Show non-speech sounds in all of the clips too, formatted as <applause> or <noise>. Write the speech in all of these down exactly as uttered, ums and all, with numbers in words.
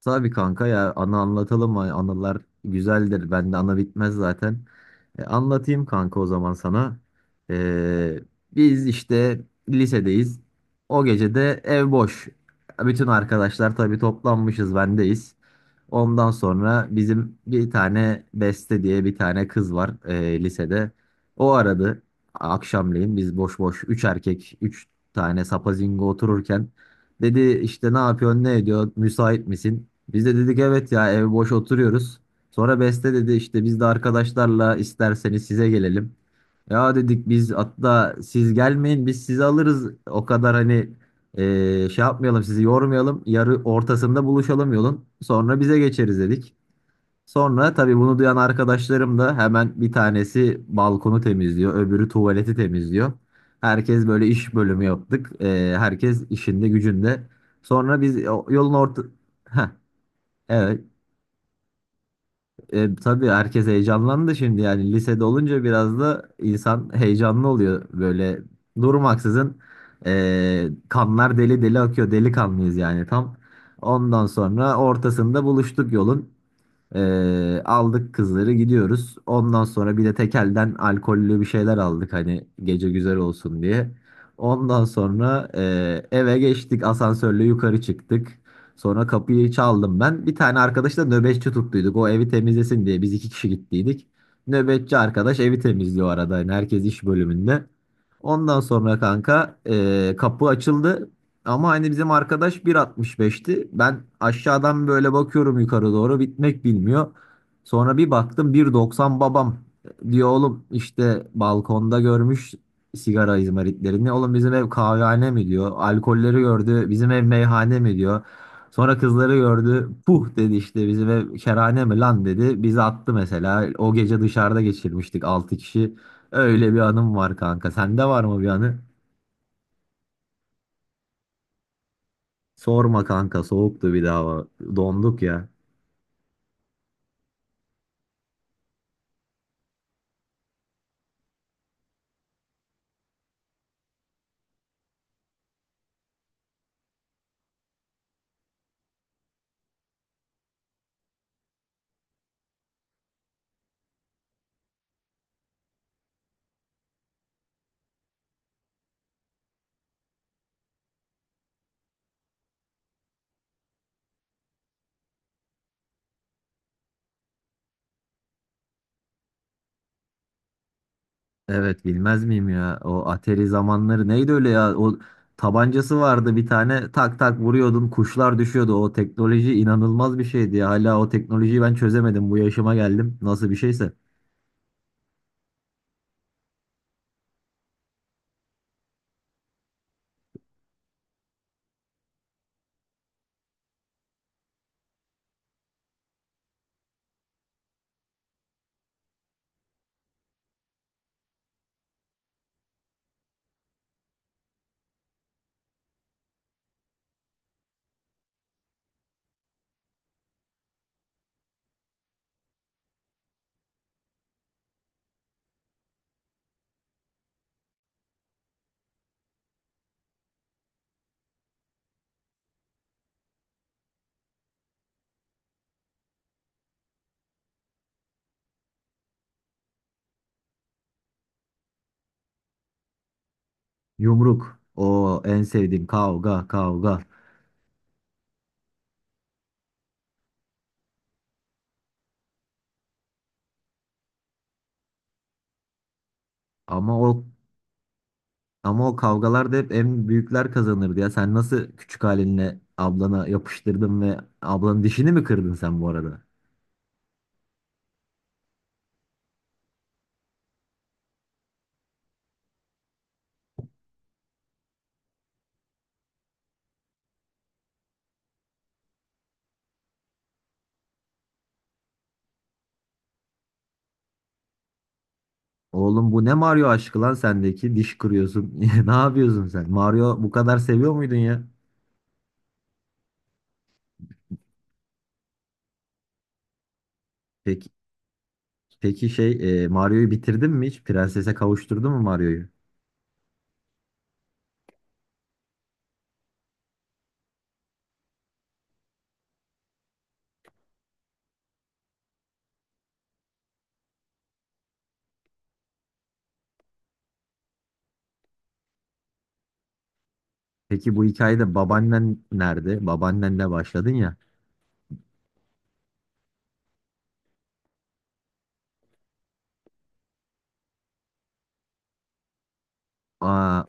Tabii kanka ya, anı anlatalım. Hani anılar güzeldir. Bende ana bitmez zaten. E, anlatayım kanka o zaman sana. E, biz işte lisedeyiz. O gece de ev boş. Bütün arkadaşlar tabii toplanmışız, bendeyiz. Ondan sonra bizim bir tane Beste diye bir tane kız var e, lisede. O aradı akşamleyin, biz boş boş üç erkek üç tane sapazingo otururken. Dedi işte, ne yapıyorsun, ne ediyor, müsait misin? Biz de dedik evet ya, ev boş oturuyoruz. Sonra Beste dedi işte, biz de arkadaşlarla isterseniz size gelelim. Ya dedik biz, hatta siz gelmeyin, biz sizi alırız. O kadar hani eee, şey yapmayalım, sizi yormayalım. Yarı ortasında buluşalım yolun. Sonra bize geçeriz dedik. Sonra tabii bunu duyan arkadaşlarım da hemen bir tanesi balkonu temizliyor. Öbürü tuvaleti temizliyor. Herkes böyle iş bölümü yaptık. Eee, herkes işinde gücünde. Sonra biz o- yolun orta. Heh, evet. E, tabii herkes heyecanlandı şimdi, yani lisede olunca biraz da insan heyecanlı oluyor böyle durmaksızın, e, kanlar deli deli akıyor, delikanlıyız yani tam. Ondan sonra ortasında buluştuk yolun. Ee, aldık kızları, gidiyoruz. Ondan sonra bir de tekelden alkollü bir şeyler aldık hani, gece güzel olsun diye. Ondan sonra e, eve geçtik, asansörle yukarı çıktık. Sonra kapıyı çaldım ben. Bir tane arkadaşla nöbetçi tuttuyduk. O evi temizlesin diye biz iki kişi gittiydik. Nöbetçi arkadaş evi temizliyor arada. Yani herkes iş bölümünde. Ondan sonra kanka e, kapı açıldı. Ama hani bizim arkadaş bir altmış beşti. Ben aşağıdan böyle bakıyorum yukarı doğru, bitmek bilmiyor. Sonra bir baktım bir doksan babam. Diyor, oğlum işte balkonda görmüş sigara izmaritlerini. Oğlum, bizim ev kahvehane mi, diyor. Alkolleri gördü, bizim ev meyhane mi, diyor. Sonra kızları gördü. Puh dedi, işte bizim ev kerhane mi lan, dedi. Bizi attı mesela. O gece dışarıda geçirmiştik altı kişi. Öyle bir anım var kanka. Sende var mı bir anı? Sorma kanka, soğuktu bir daha. Donduk ya. Evet, bilmez miyim ya? O Atari zamanları neydi öyle ya. O tabancası vardı bir tane, tak tak vuruyordun, kuşlar düşüyordu. O teknoloji inanılmaz bir şeydi ya. Hala o teknolojiyi ben çözemedim, bu yaşıma geldim, nasıl bir şeyse. Yumruk, o en sevdiğim. Kavga, kavga. Ama o, ama o kavgalarda hep en büyükler kazanırdı ya. Sen nasıl küçük halinle ablana yapıştırdın ve ablanın dişini mi kırdın sen bu arada? Oğlum, bu ne Mario aşkı lan sendeki? Diş kırıyorsun. <laughs> Ne yapıyorsun sen? Mario bu kadar seviyor muydun ya? Peki, peki şey, e, Mario'yu bitirdin mi hiç? Prensese kavuşturdun mu Mario'yu? Peki bu hikayede babaannen nerede? Babaannenle başladın ya. Aa,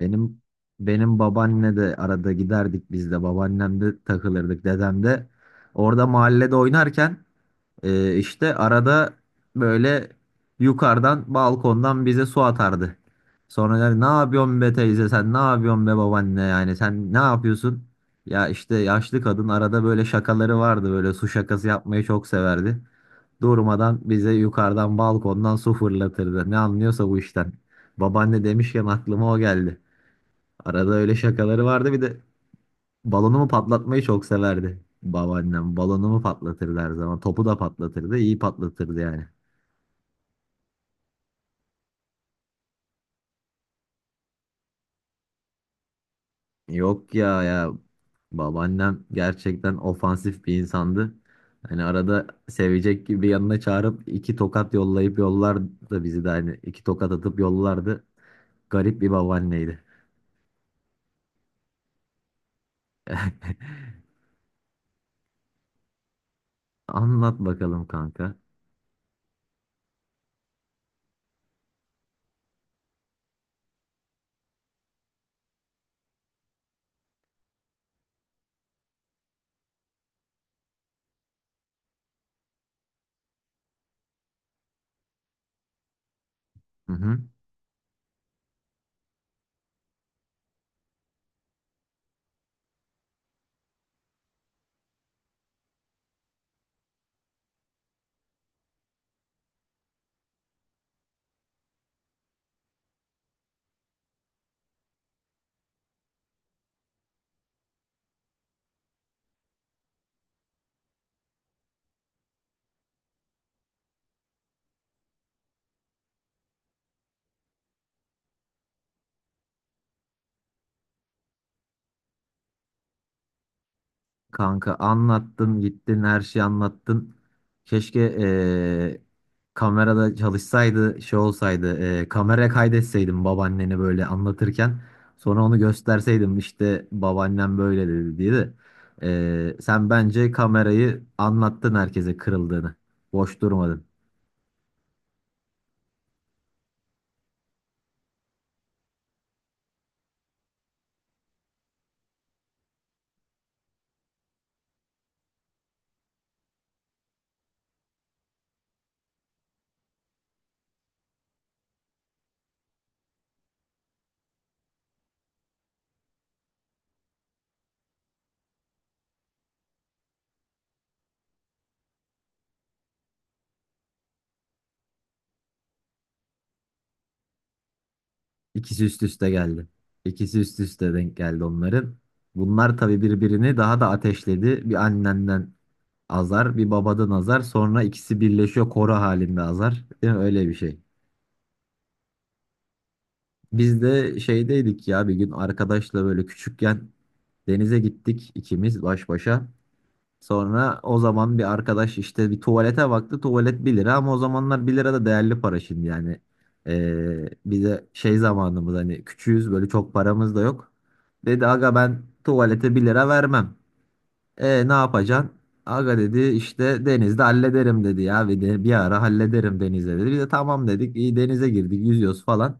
benim benim babaanne de, arada giderdik biz de. Babaannem de takılırdık. Dedem de orada, mahallede oynarken Ee, işte arada böyle yukarıdan balkondan bize su atardı. Sonra yani, ne yapıyorsun be teyze, sen ne yapıyorsun be babaanne, yani sen ne yapıyorsun? Ya işte, yaşlı kadın arada böyle şakaları vardı, böyle su şakası yapmayı çok severdi. Durmadan bize yukarıdan balkondan su fırlatırdı. Ne anlıyorsa bu işten. Babaanne demişken aklıma o geldi. Arada öyle şakaları vardı bir de. Balonumu patlatmayı çok severdi babaannem. Balonumu patlatırdı her zaman. Topu da patlatırdı. İyi patlatırdı yani. Yok ya ya, babaannem gerçekten ofansif bir insandı. Hani arada sevecek gibi yanına çağırıp iki tokat yollayıp yollardı bizi de, hani iki tokat atıp yollardı. Garip bir babaanneydi. <laughs> Anlat bakalım kanka. Hı hı. Kanka, anlattın gittin her şeyi, anlattın. Keşke eee, kamerada çalışsaydı, şey olsaydı, eee kameraya kaydetseydim babaanneni böyle anlatırken. Sonra onu gösterseydim işte, babaannem böyle dedi diye de. Eee, sen bence kamerayı anlattın herkese, kırıldığını. Boş durmadın. İkisi üst üste geldi. İkisi üst üste denk geldi onların. Bunlar tabii birbirini daha da ateşledi. Bir annenden azar, bir babadan azar, sonra ikisi birleşiyor koro halinde azar. Değil mi? Öyle bir şey. Biz de şeydeydik ya, bir gün arkadaşla böyle küçükken denize gittik ikimiz baş başa. Sonra o zaman bir arkadaş işte bir tuvalete baktı. Tuvalet bir lira, ama o zamanlar bir lira da değerli para, şimdi yani. Ee, bir de şey zamanımız, hani küçüğüz böyle, çok paramız da yok. Dedi, aga ben tuvalete bir lira vermem. E, ne yapacaksın? Aga dedi, işte denizde hallederim dedi ya, bir de bir ara hallederim denizde dedi. Bir de tamam dedik, iyi, denize girdik yüzüyoruz falan.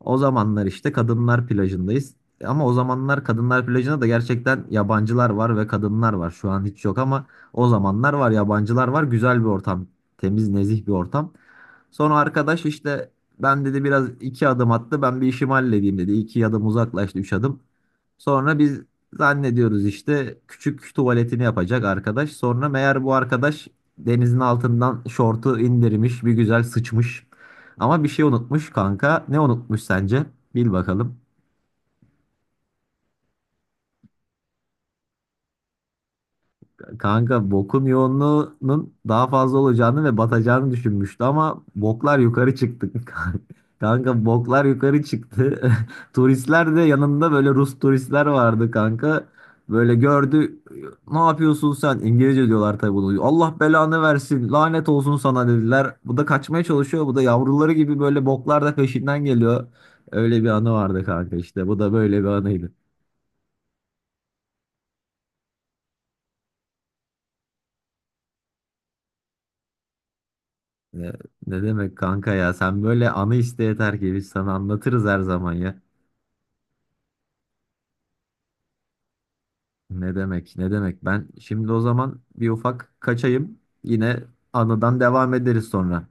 O zamanlar işte kadınlar plajındayız. Ama o zamanlar kadınlar plajında da gerçekten yabancılar var ve kadınlar var. Şu an hiç yok, ama o zamanlar var, yabancılar var. Güzel bir ortam. Temiz, nezih bir ortam. Sonra arkadaş işte, ben dedi biraz, iki adım attı. Ben bir işimi halledeyim dedi. İki adım uzaklaştı, üç adım. Sonra biz zannediyoruz işte, küçük tuvaletini yapacak arkadaş. Sonra meğer bu arkadaş denizin altından şortu indirmiş, bir güzel sıçmış. Ama bir şey unutmuş kanka. Ne unutmuş sence? Bil bakalım. Kanka, bokun yoğunluğunun daha fazla olacağını ve batacağını düşünmüştü, ama boklar yukarı çıktı. <laughs> Kanka, boklar yukarı çıktı. <laughs> Turistler de yanında, böyle Rus turistler vardı kanka. Böyle gördü. Ne yapıyorsun sen? İngilizce diyorlar tabii bunu. Allah belanı versin, lanet olsun sana, dediler. Bu da kaçmaya çalışıyor. Bu da yavruları gibi böyle boklar da peşinden geliyor. Öyle bir anı vardı kanka işte. Bu da böyle bir anıydı. Ne, ne demek kanka ya, sen böyle anı iste yeter ki, biz sana anlatırız her zaman ya. Ne demek, ne demek. Ben şimdi o zaman bir ufak kaçayım, yine anıdan devam ederiz sonra.